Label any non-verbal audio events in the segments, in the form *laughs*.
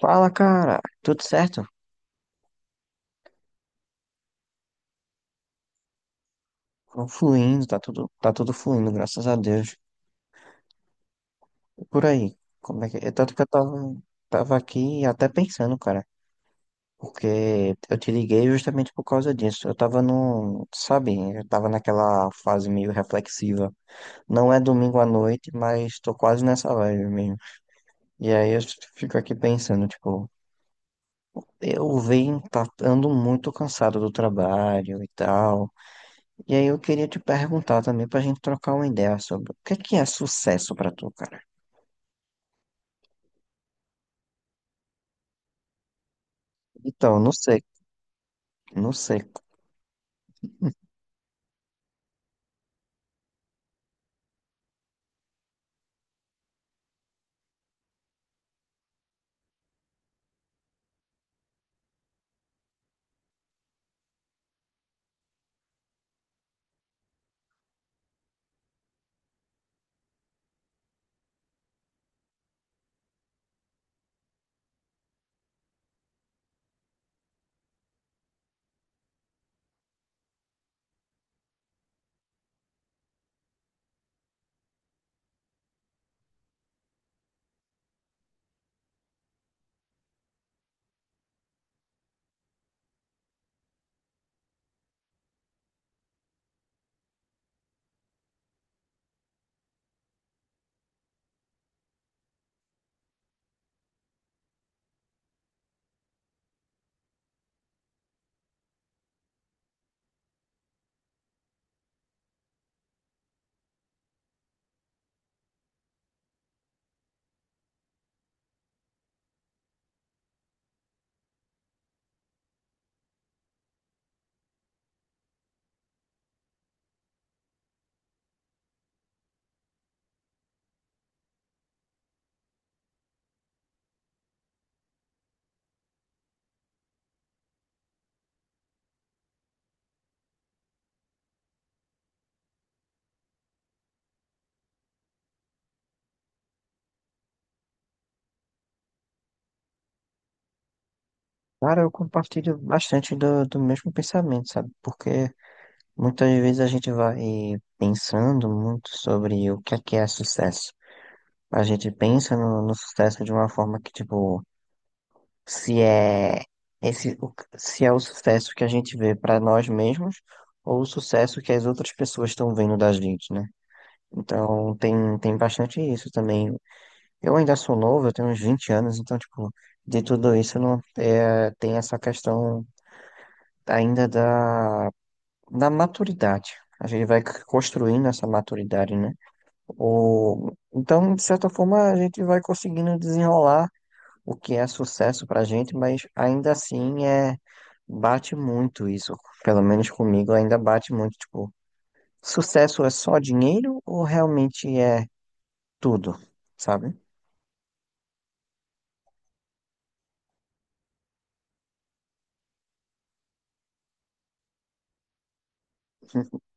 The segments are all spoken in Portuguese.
Fala, cara. Tudo certo? Tô fluindo, tá tudo fluindo, graças a Deus. E por aí? Como é que... é Tanto que eu tava aqui até pensando, cara. Porque eu te liguei justamente por causa disso. Eu tava no, sabe, eu tava naquela fase meio reflexiva. Não é domingo à noite, mas tô quase nessa vibe mesmo. E aí eu fico aqui pensando, tipo, eu ando muito cansado do trabalho e tal. E aí eu queria te perguntar também pra gente trocar uma ideia sobre o que é sucesso pra tu, cara? Então, não sei, não sei. Cara, eu compartilho bastante do mesmo pensamento, sabe? Porque muitas vezes a gente vai pensando muito sobre o que é sucesso. A gente pensa no sucesso de uma forma que, tipo, se é se é o sucesso que a gente vê pra nós mesmos ou o sucesso que as outras pessoas estão vendo da gente, né? Então, tem bastante isso também. Eu ainda sou novo, eu tenho uns 20 anos, então, tipo, de tudo isso não é, tem essa questão ainda da maturidade. A gente vai construindo essa maturidade, né? O, então, de certa forma, a gente vai conseguindo desenrolar o que é sucesso pra gente, mas ainda assim é, bate muito isso. Pelo menos comigo ainda bate muito, tipo, sucesso é só dinheiro ou realmente é tudo, sabe? *laughs*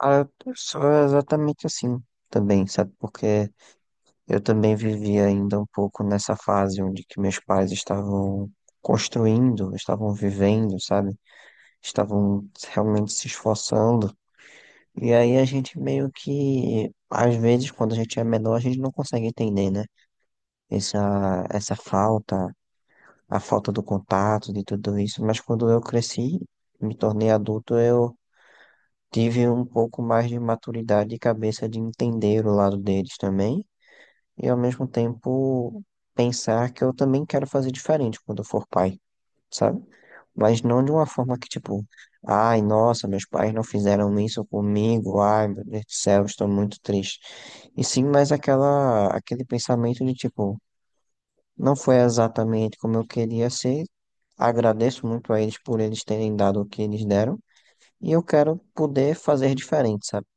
Ah, eu sou exatamente assim também, sabe? Porque eu também vivia ainda um pouco nessa fase onde que meus pais estavam construindo, estavam vivendo, sabe? Estavam realmente se esforçando. E aí a gente meio que, às vezes, quando a gente é menor, a gente não consegue entender, né? Essa falta, a falta do contato, de tudo isso. Mas quando eu cresci, me tornei adulto, eu tive um pouco mais de maturidade e cabeça de entender o lado deles também, e ao mesmo tempo pensar que eu também quero fazer diferente quando eu for pai, sabe? Mas não de uma forma que, tipo, ai, nossa, meus pais não fizeram isso comigo, ai, meu Deus do céu, estou muito triste. E sim, mas aquele pensamento de, tipo, não foi exatamente como eu queria ser, agradeço muito a eles por eles terem dado o que eles deram, e eu quero poder fazer diferente, sabe?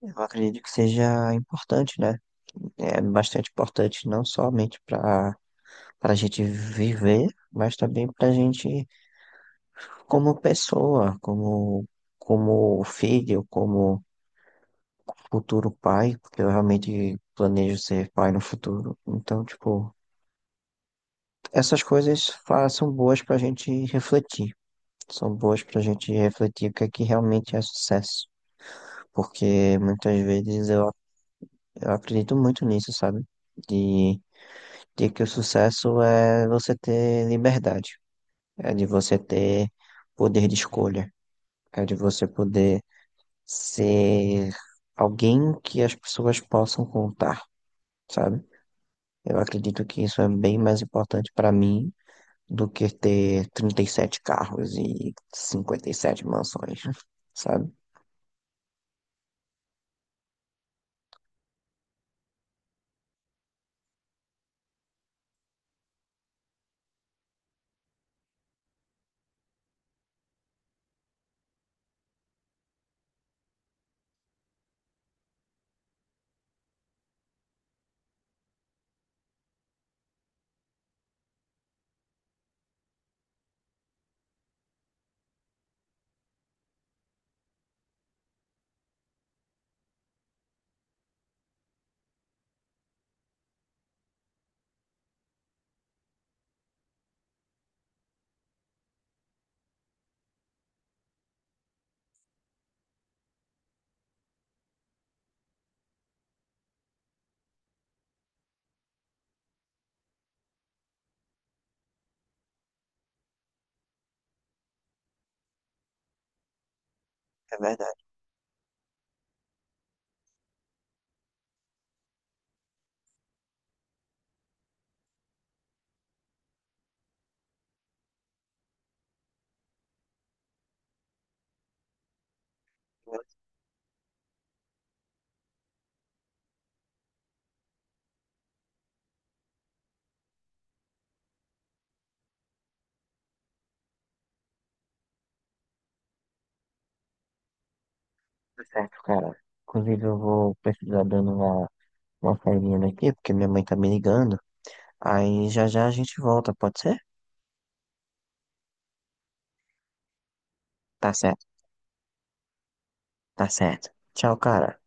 Eu acredito que seja importante, né? É bastante importante não somente para a gente viver, mas também para a gente como pessoa, como filho, como futuro pai, porque eu realmente planejo ser pai no futuro. Então, tipo, essas coisas são boas para a gente refletir, são boas para a gente refletir o que é que realmente é sucesso, porque muitas vezes eu acredito muito nisso, sabe? De de que o sucesso é você ter liberdade, é de você ter poder de escolha, é de você poder ser alguém que as pessoas possam contar, sabe? Eu acredito que isso é bem mais importante para mim do que ter 37 carros e 57 mansões, *laughs* sabe? É verdade. Muito certo, cara. Inclusive, eu vou precisar dando uma saidinha daqui, porque minha mãe tá me ligando. Aí já já a gente volta, pode ser? Tá certo, tá certo. Tchau, cara.